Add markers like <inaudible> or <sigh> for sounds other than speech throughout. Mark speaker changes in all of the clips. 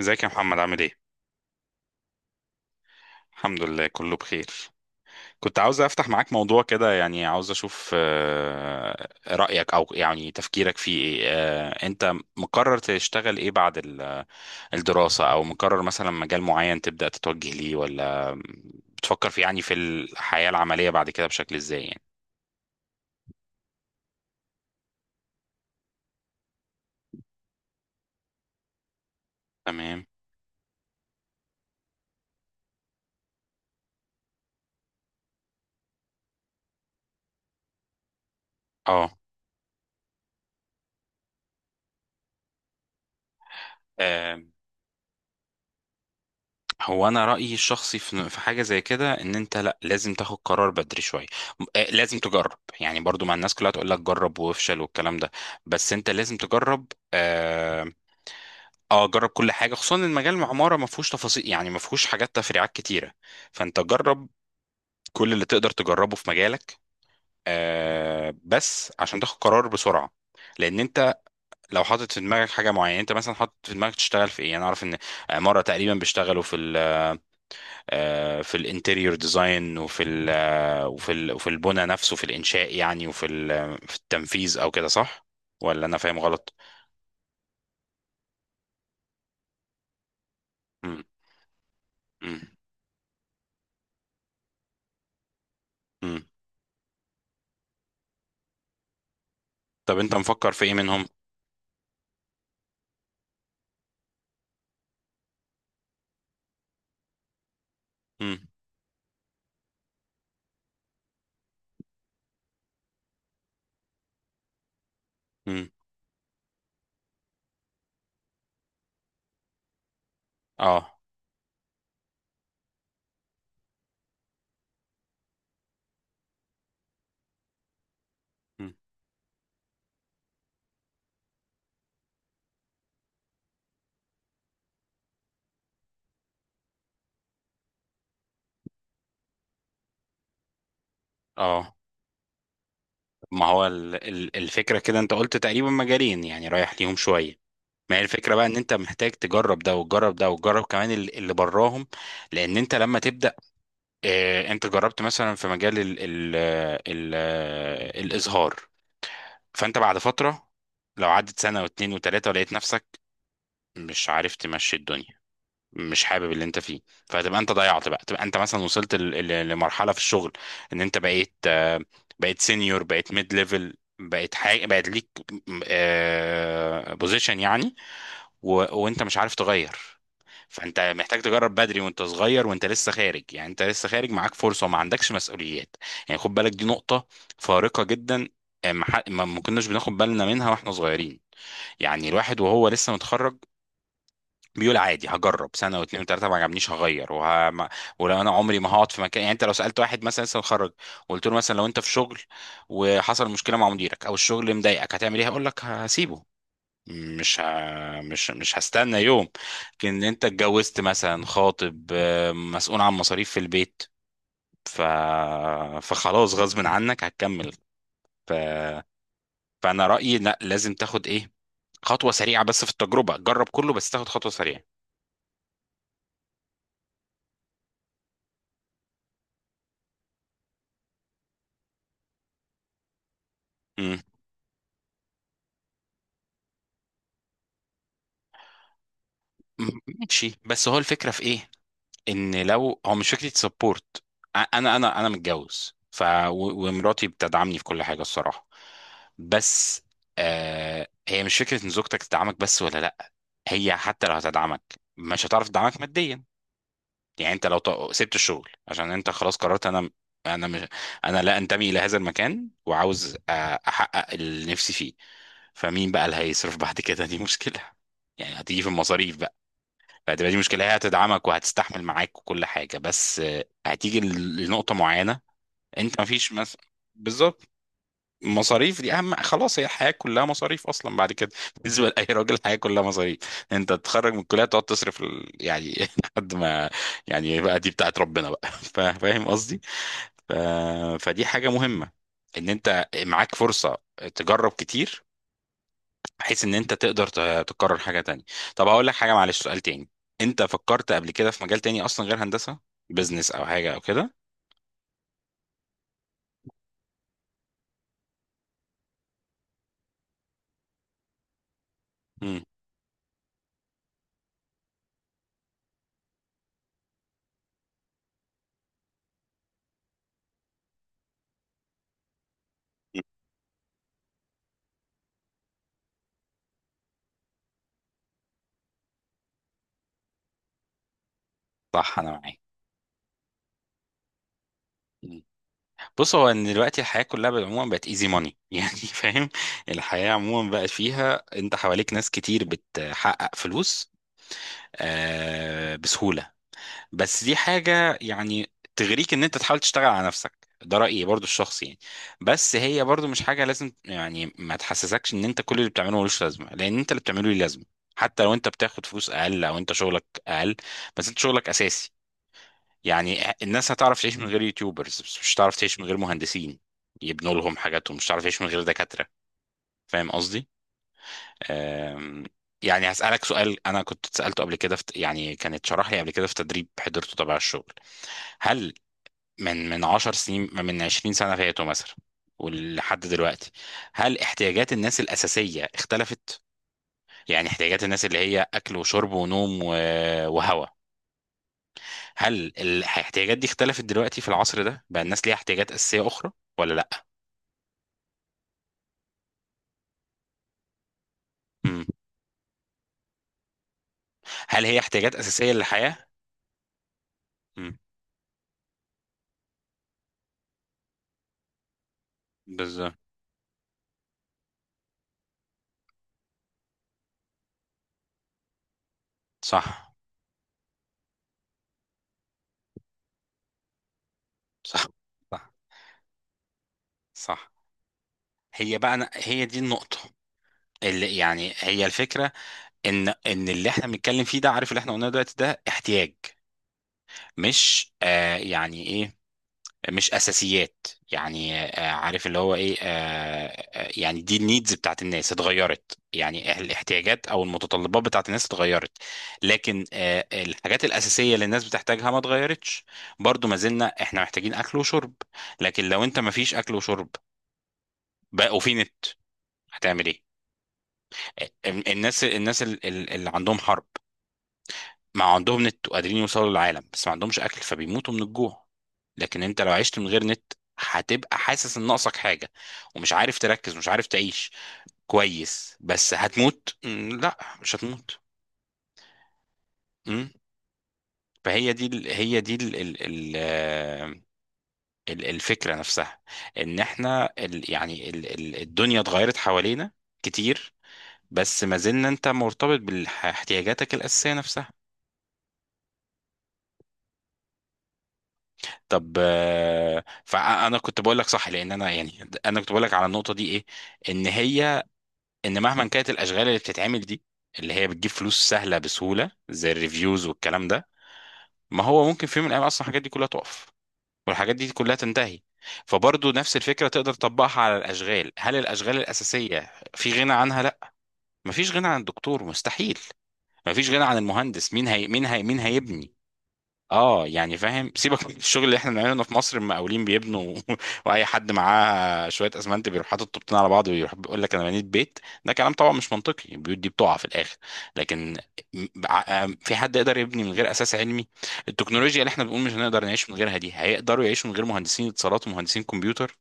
Speaker 1: ازيك يا محمد، عامل ايه؟ الحمد لله، كله بخير. كنت عاوز افتح معاك موضوع كده، يعني عاوز اشوف رأيك، او يعني تفكيرك فيه ايه. انت مقرر تشتغل ايه بعد الدراسة، او مقرر مثلا مجال معين تبدأ تتوجه ليه، ولا بتفكر يعني في الحياة العملية بعد كده بشكل ازاي يعني؟ تمام. اه، هو انا رايي الشخصي في حاجه زي كده، ان انت لا، لازم تاخد قرار بدري شويه. لازم تجرب، يعني برضو مع الناس كلها تقول لك جرب وافشل والكلام ده، بس انت لازم تجرب. آه اه جرب كل حاجه، خصوصا ان مجال العماره ما فيهوش تفاصيل، يعني ما فيهوش حاجات تفريعات كتيره. فانت جرب كل اللي تقدر تجربه في مجالك، بس عشان تاخد قرار بسرعه. لان انت لو حاطط في دماغك حاجه معينه، انت مثلا حاطط في دماغك تشتغل في ايه، انا اعرف ان عماره تقريبا بيشتغلوا في، في الانتريور ديزاين، وفي ال آه، وفي ال وفي البنى نفسه في الانشاء يعني، وفي في التنفيذ او كده، صح؟ ولا انا فاهم غلط؟ مم. مم. مم. طب انت مفكر في ايه منهم؟ مم. مم. اه. مم. اه. ما هو الفكره كده، انت قلت تقريبا مجالين يعني رايح ليهم شويه. ما هي الفكره بقى ان انت محتاج تجرب ده وتجرب ده وتجرب كمان اللي براهم. لان انت لما تبدا، انت جربت مثلا في مجال ال ال ال الازهار، فانت بعد فترة لو عدت سنة واتنين وتلاتة ولقيت نفسك مش عارف تمشي الدنيا، مش حابب اللي انت فيه، فهتبقى انت ضيعت بقى، تبقى انت مثلا وصلت لمرحلة في الشغل ان انت بقيت، بقيت سينيور، بقيت ميد ليفل، بقيت حاجة، بقيت ليك بوزيشن يعني، و... وانت مش عارف تغير. فانت محتاج تجرب بدري وانت صغير وانت لسه خارج، يعني انت لسه خارج معاك فرصه وما عندكش مسؤوليات. يعني خد بالك، دي نقطه فارقه جدا. آه، ما ح- ما- ما كناش بناخد بالنا منها واحنا صغيرين. يعني الواحد وهو لسه متخرج بيقول عادي هجرب سنه واتنين وتلاته، ما عجبنيش هغير، وه... ما... ولو انا عمري ما هقعد في مكان. يعني انت لو سالت واحد مثلا لسه متخرج وقلت له مثلا لو انت في شغل وحصل مشكله مع مديرك او الشغل مضايقك هتعمل ايه، هيقول لك هسيبه، مش ه... مش هستنى يوم. لكن انت اتجوزت مثلا، خاطب، مسؤول عن مصاريف في البيت، ف... فخلاص غصب عنك هتكمل، ف... فانا رأيي لا، لازم تاخد ايه، خطوة سريعة. بس في التجربة جرب كله، بس تاخد خطوة سريعة. مم. ماشي. بس هو الفكرة في ايه؟ ان لو هو مش فكره سبورت، انا متجوز، ومراتي بتدعمني في كل حاجه الصراحه، بس هي مش فكره ان زوجتك تدعمك بس، ولا لا، هي حتى لو هتدعمك مش هتعرف تدعمك ماديا. يعني انت لو سبت الشغل عشان انت خلاص قررت انا مش انا لا انتمي الى هذا المكان، وعاوز احقق اللي نفسي فيه، فمين بقى اللي هيصرف بعد كده؟ <laughs> دي مشكله، يعني هتيجي في المصاريف. فهتبقى دي مشكلة، هي هتدعمك وهتستحمل معاك وكل حاجة، بس هتيجي لنقطة معينة انت مفيش مثلا... بالظبط. مصاريف دي اهم، خلاص، هي الحياة كلها مصاريف اصلا بعد كده <laughs> بالنسبة لأي راجل الحياة كلها مصاريف. انت تتخرج من الكلية تقعد تصرف يعني <laughs> لحد ما، يعني بقى دي بتاعت ربنا بقى. <laughs> فاهم قصدي؟ ف... فدي حاجة مهمة ان انت معاك فرصة تجرب كتير، بحيث ان انت تقدر تكرر حاجه تانية. طب هقول لك حاجه، معلش، سؤال تاني، انت فكرت قبل كده في مجال تاني اصلا غير هندسه، بزنس او حاجه او كده؟ مم. صح، انا معاك. مم. بص، هو ان دلوقتي الحياه كلها بالعموم بقت ايزي ماني <laughs> يعني فاهم. الحياه عموما بقت فيها انت حواليك ناس كتير بتحقق فلوس، بسهوله. بس دي حاجة يعني تغريك ان انت تحاول تشتغل على نفسك، ده رأيي برضو الشخصي يعني. بس هي برضو مش حاجة لازم، يعني ما تحسسكش ان انت كل اللي بتعمله ملوش لازمة، لان انت اللي بتعمله ليه لازمة، حتى لو انت بتاخد فلوس اقل او انت شغلك اقل، بس انت شغلك اساسي. يعني الناس هتعرف تعيش من غير يوتيوبرز، بس مش هتعرف تعيش من غير مهندسين يبنوا لهم حاجاتهم، مش هتعرف تعيش من غير دكاترة. فاهم قصدي؟ أم، يعني هسألك سؤال أنا كنت اتسألته قبل كده، في يعني كانت شرح لي قبل كده في تدريب حضرته تبع الشغل. هل من 10 سنين، من 20 سنة فاتوا مثلا ولحد دلوقتي، هل احتياجات الناس الأساسية اختلفت؟ يعني احتياجات الناس اللي هي أكل وشرب ونوم وهواء، هل الاحتياجات دي اختلفت دلوقتي في العصر ده؟ بقى الناس ليها احتياجات أساسية أخرى ولا لأ؟ مم. هل هي احتياجات أساسية للحياة؟ مم. بالظبط. صح، صح، صح، صح. هي بقى أنا هي دي النقطة اللي يعني، هي الفكرة ان اللي احنا بنتكلم فيه ده، عارف اللي احنا قلناه دلوقتي ده احتياج، مش يعني ايه، مش اساسيات. يعني عارف اللي هو ايه، يعني دي النيدز بتاعت الناس اتغيرت، يعني الاحتياجات او المتطلبات بتاعت الناس اتغيرت، لكن الحاجات الاساسيه اللي الناس بتحتاجها ما اتغيرتش. برضو ما زلنا احنا محتاجين اكل وشرب، لكن لو انت ما فيش اكل وشرب بقى وفي نت هتعمل ايه؟ الناس اللي عندهم حرب ما عندهم نت وقادرين يوصلوا للعالم بس ما عندهمش اكل، فبيموتوا من الجوع. لكن انت لو عشت من غير نت هتبقى حاسس ان ناقصك حاجه ومش عارف تركز ومش عارف تعيش كويس، بس هتموت؟ لا، مش هتموت. مم. فهي دي ال ال ال آه، ال الفكره نفسها، ان احنا ال يعني ال ال الدنيا اتغيرت حوالينا كتير، بس ما زلنا، انت مرتبط باحتياجاتك الاساسيه نفسها. طب فانا كنت بقول لك صح، لان انا، يعني كنت بقول لك على النقطه دي ايه، ان هي ان مهما كانت الاشغال اللي بتتعمل دي، اللي هي بتجيب فلوس سهله بسهوله زي الريفيوز والكلام ده، ما هو ممكن في يوم من الايام اصلا الحاجات دي كلها تقف والحاجات دي كلها تنتهي، فبرضه نفس الفكره تقدر تطبقها على الاشغال. هل الاشغال الاساسيه في غنى عنها؟ لا، مفيش غنى عن الدكتور مستحيل، مفيش غنى عن المهندس، مين هيبني؟ اه، يعني فاهم، سيبك من الشغل اللي احنا بنعمله هنا في مصر، المقاولين بيبنوا <laughs> واي حد معاه شويه اسمنت بيروح حاطط طوبتين على بعض ويروح بيقول لك انا بنيت بيت. ده كلام طبعا مش منطقي، البيوت دي بتقع في الاخر. لكن في حد يقدر يبني من غير اساس علمي؟ التكنولوجيا اللي احنا بنقول مش هنقدر نعيش من غيرها دي هيقدروا يعيشوا من غير مهندسين اتصالات ومهندسين كمبيوتر؟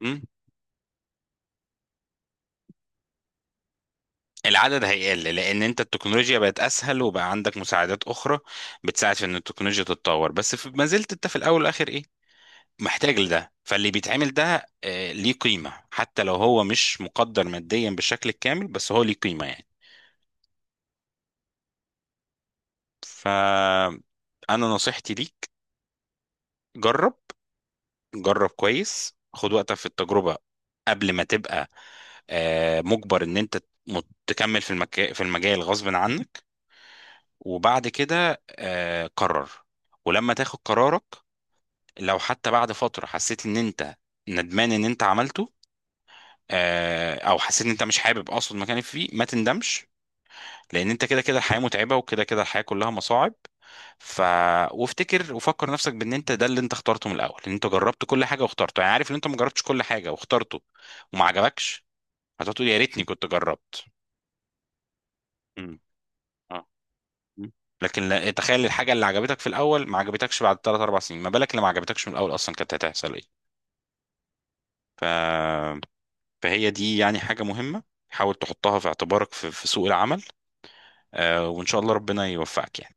Speaker 1: مم؟ العدد هيقل، لان انت التكنولوجيا بقت اسهل وبقى عندك مساعدات اخرى بتساعد في ان التكنولوجيا تتطور، بس ما زلت انت في الاول والاخر ايه، محتاج لده. فاللي بيتعمل ده ليه قيمة، حتى لو هو مش مقدر ماديا بالشكل الكامل، بس هو ليه قيمة يعني. فأنا نصيحتي ليك، جرب، جرب كويس، خد وقتك في التجربة قبل ما تبقى مجبر ان انت تكمل في المجال غصب عنك. وبعد كده قرر. ولما تاخد قرارك، لو حتى بعد فترة حسيت ان انت ندمان ان انت عملته، او حسيت ان انت مش حابب، اقصد مكانك فيه، ما تندمش، لان انت كده كده الحياه متعبه وكده كده الحياه كلها مصاعب. ف وافتكر وفكر نفسك بان انت ده اللي انت اخترته من الاول، ان انت جربت كل حاجه واخترته، يعني عارف ان انت ما جربتش كل حاجه واخترته وما عجبكش، هتقعد تقول يا ريتني كنت جربت. مم. اه. مم. لكن لا، تخيل الحاجه اللي عجبتك في الاول ما عجبتكش بعد 3 4 سنين، ما بالك اللي ما عجبتكش من الاول اصلا كانت هتحصل ايه. فهي دي يعني حاجه مهمه، حاول تحطها في اعتبارك في سوق العمل، وان شاء الله ربنا يوفقك يعني.